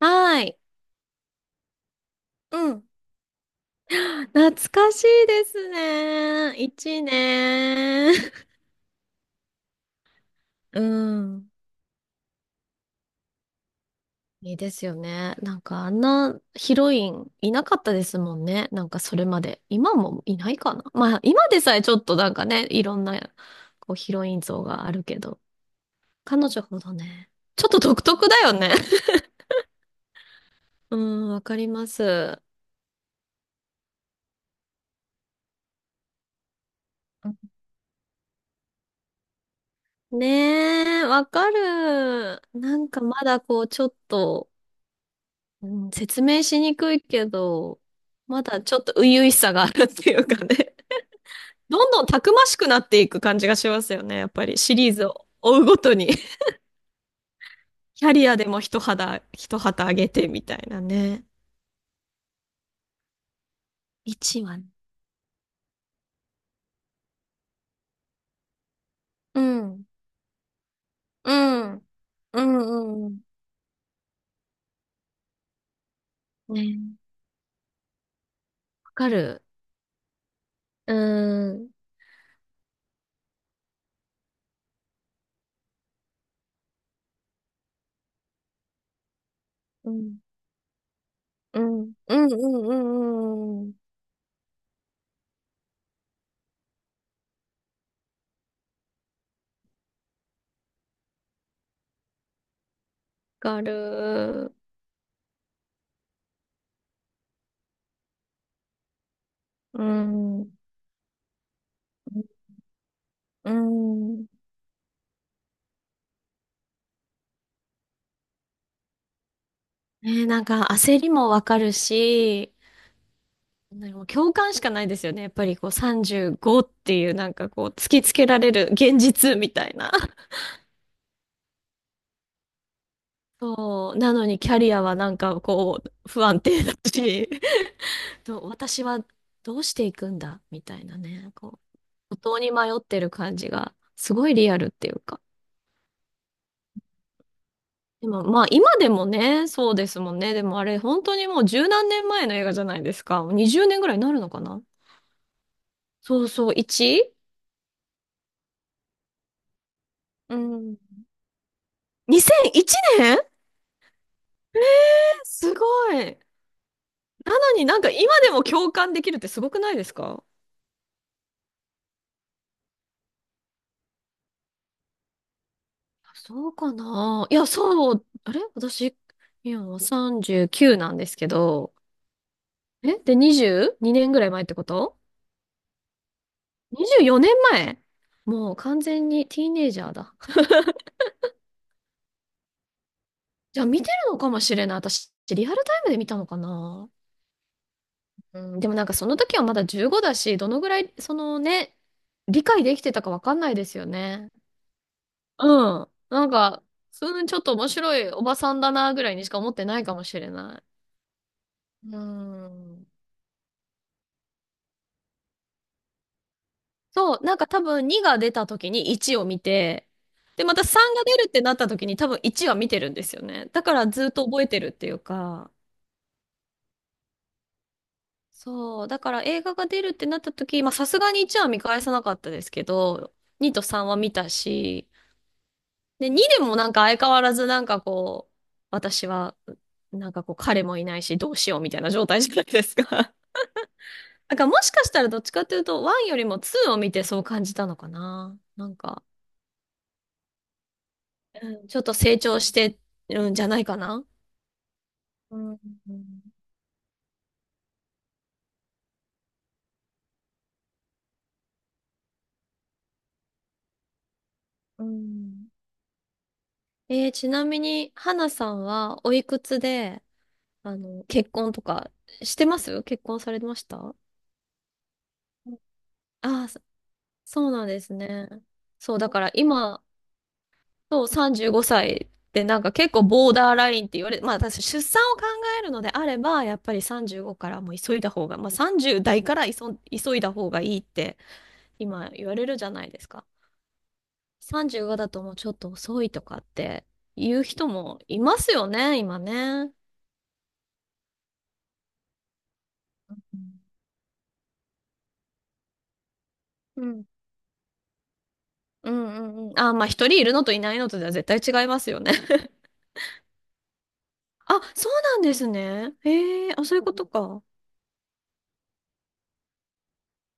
はい。うん。懐かしいですね。一年。うん。いいですよね。なんかあんなヒロインいなかったですもんね。なんかそれまで。今もいないかな。まあ今でさえちょっとなんかね、いろんなこうヒロイン像があるけど、彼女ほどね、ちょっと独特だよね。うん、わかります。ねえ、わかる。なんかまだこうちょっと、うん、説明しにくいけど、まだちょっと初々しさがあるっていうかね。どんどんたくましくなっていく感じがしますよね。やっぱりシリーズを追うごとに。キャリアでも一旗あげてみたいなね。一はね。うん。うん。うん。うん。ね。わかる。うーん。うん。うん。うん。うん。うんうんわかる。うん。うん。ね、なんか焦りもわかるし、なんかもう共感しかないですよね。やっぱりこう35っていうなんかこう突きつけられる現実みたいな。そう。なのにキャリアはなんかこう不安定だし、と私はどうしていくんだみたいなね。こう、途方に迷ってる感じがすごいリアルっていうか。でもまあ今でもね、そうですもんね。でもあれ本当にもう十何年前の映画じゃないですか。もう20年ぐらいになるのかな。そうそう、1？ うん。2001年。えー、すごい。なのになんか今でも共感できるってすごくないですか？そうかな、いや、そう、あれ私、今39なんですけど、えで、22年ぐらい前ってこと？ 24 年前。もう完全にティーネイジャーだ。じゃあ見てるのかもしれない。私、リアルタイムで見たのかな。うん、でもなんかその時はまだ15だし、どのぐらい、そのね、理解できてたかわかんないですよね。うん。なんか、うん、ちょっと面白いおばさんだなぐらいにしか思ってないかもしれない。うん。そう、なんか多分2が出た時に1を見て、で、また3が出るってなった時に多分1は見てるんですよね。だからずっと覚えてるっていうか、そう、だから映画が出るってなった時、まあさすがに1は見返さなかったですけど、2と3は見たし、で、2でもなんか相変わらずなんかこう、私は、なんかこう彼もいないしどうしようみたいな状態じゃないですか。なんかもしかしたらどっちかというと、1よりも2を見てそう感じたのかな。なんか、うん、ちょっと成長してるんじゃないかな。うん。うん。えー、ちなみに、花さんはおいくつで、結婚とかしてます？結婚されましたあ。あー、そうなんですね。そう、だから今、そう、35歳ってなんか結構ボーダーラインって言われ、まあ私出産を考えるのであれば、やっぱり35からもう急いだ方が、まあ30代から急、急いだ方がいいって今言われるじゃないですか。35だともうちょっと遅いとかって言う人もいますよね、今ね。うん。うんうんうん。あ、まあ一人いるのといないのとでは絶対違いますよね。あ、そうなんですね。へえ、あ、そういうことか。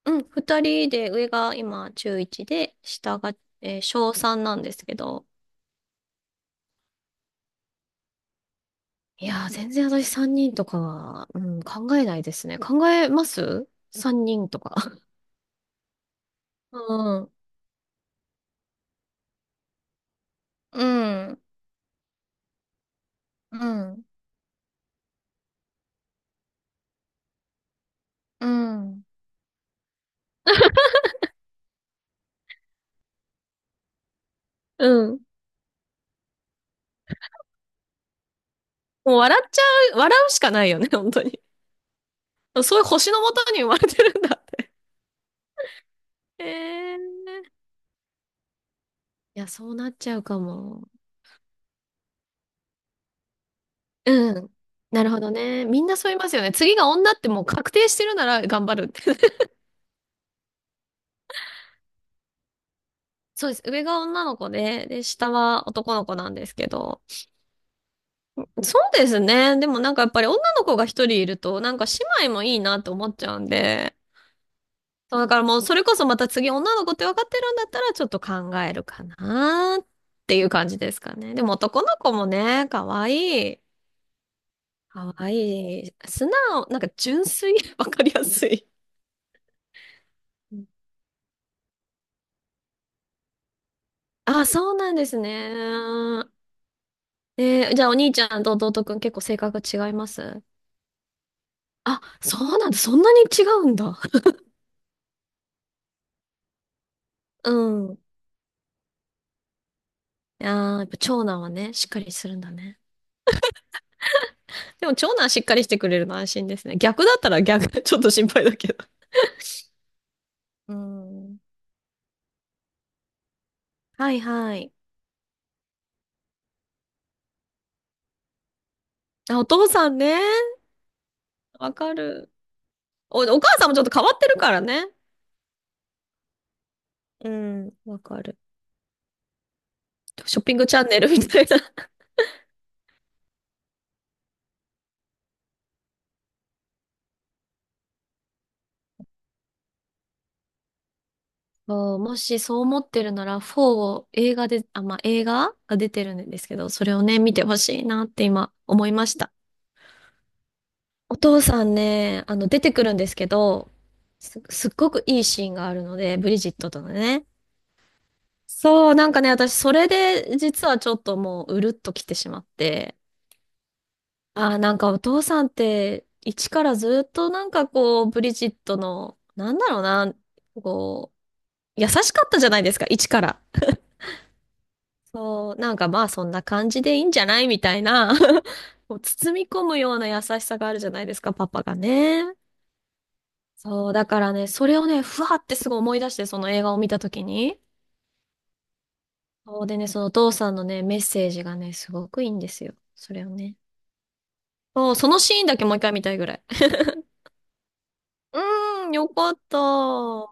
うん、二人で、上が今中1で、下が、えー小3なんですけど、いやー、全然私3人とかは、うん、考えないですね。考えます？ 3 人とか。うん、うん、うん、うん、うん。もう笑っちゃう、笑うしかないよね、本当に。そういう星のもとに生まれてるんだって。えー、いや、そうなっちゃうかも。うん。なるほどね。みんなそう言いますよね。次が女ってもう確定してるなら頑張るって。そうです。上が女の子で、で、下は男の子なんですけど。そうですね。でもなんかやっぱり女の子が一人いると、なんか姉妹もいいなと思っちゃうんで。そう、だからもうそれこそまた次女の子って分かってるんだったらちょっと考えるかなっていう感じですかね。でも男の子もね、可愛い素直、なんか純粋。わかりやすい。あ、そうなんですね。えー、じゃあお兄ちゃんと弟くん結構性格が違います？あ、そうなんだ。そんなに違うんだ。うん。いやー、やっぱ長男はね、しっかりするんだね。でも長男しっかりしてくれるの安心ですね。逆だったら逆、ちょっと心配だけど。うん。はいはい。あ、お父さんね。わかる。お母さんもちょっと変わってるからね。うん、わかる。ショッピングチャンネルみたいな。そう、もしそう思ってるなら、4を映画で、あ、まあ、映画が出てるんですけど、それをね、見てほしいなって今思いました。お父さんね、出てくるんですけど、すっごくいいシーンがあるので、ブリジットとのね。そう、なんかね、私、それで、実はちょっともう、うるっと来てしまって。ああ、なんかお父さんって、一からずっとなんかこう、ブリジットの、なんだろうな、こう、優しかったじゃないですか、一から。そう、なんかまあ、そんな感じでいいんじゃないみたいな、こう包み込むような優しさがあるじゃないですか、パパがね。そう、だからね、それをね、ふわってすごい思い出して、その映画を見たときに。そうでね、そのお父さんのね、メッセージがね、すごくいいんですよ。それをね。そう、そのシーンだけもう一回見たいぐらい。うーん、よかった。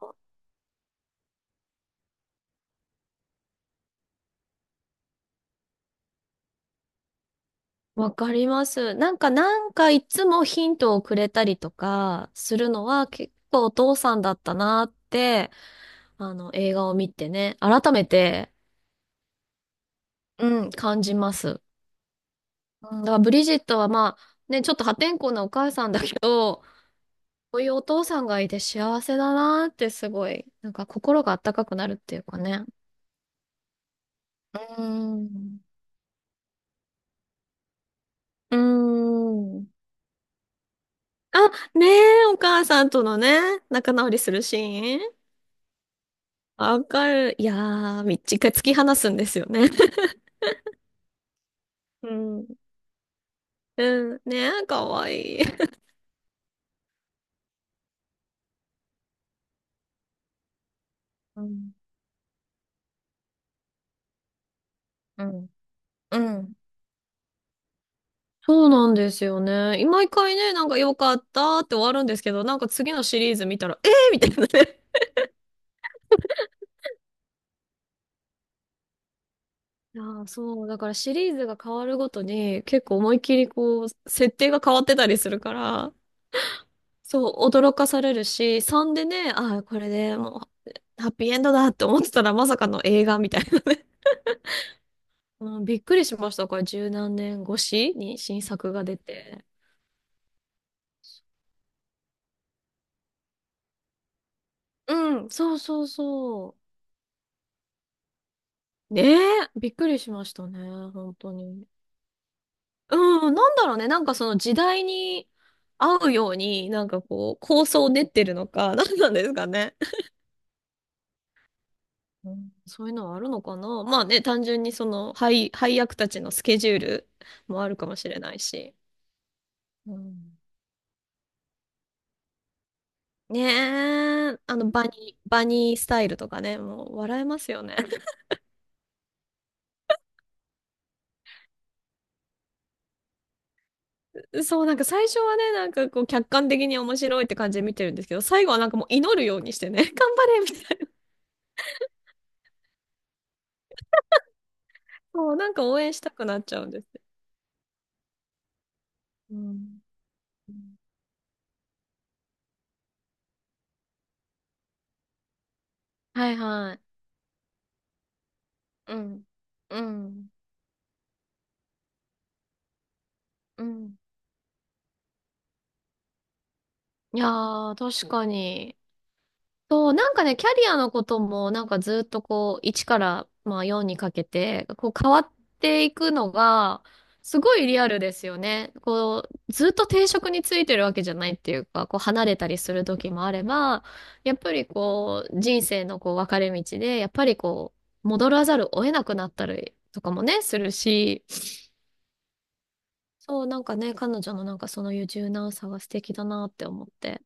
わかります。なんか、なんかいつもヒントをくれたりとかするのは結構お父さんだったなって、映画を見てね、改めて、うん、感じます。うん、だからブリジットはまあ、ね、ちょっと破天荒なお母さんだけど、こういうお父さんがいて幸せだなーってすごい、なんか心が温かくなるっていうかね。うーん。うーん。あ、ねえ、お母さんとのね、仲直りするシーン。わかる。いやー、一回突き放すんですよね。うん。うん、ねえ、かわいい。うん。うん。うん、そうなんですよね。毎回ね、なんか良かったって終わるんですけど、なんか次のシリーズ見たら、えーみたいなね。いやー、そう、だからシリーズが変わるごとに結構思いっきりこう、設定が変わってたりするから、そう、驚かされるし、3でね、ああ、これでもう、ハッピーエンドだって思ってたらまさかの映画みたいなね。うん、びっくりしました。これ十何年越しに新作が出て。うん、そうそうそう。ねえ、びっくりしましたね、本当に。うん、なんだろうね、なんかその時代に合うように、なんかこう、構想を練ってるのか、なんなんですかね。うん、そういうのはあるのかな。まあね、単純にその配役たちのスケジュールもあるかもしれないし。うん、ねえ、バニースタイルとかね、もう笑えますよね。そう、なんか最初はね、なんかこう客観的に面白いって感じで見てるんですけど、最後はなんかもう祈るようにしてね、頑張れみたいな。そう、なんか応援したくなっちゃうんです。うん。はいはい。うん。うん。うん。いやー、確かに。そう、なんかね、キャリアのことも、なんかずっとこう、1から、まあ、4にかけて、こう、変わっていくのが、すごいリアルですよね。こう、ずっと定職についてるわけじゃないっていうか、こう、離れたりする時もあれば、やっぱりこう、人生のこう、分かれ道で、やっぱりこう、戻らざるを得なくなったりとかもね、するし、そう、なんかね、彼女のなんかそのいう柔軟さが素敵だなって思って。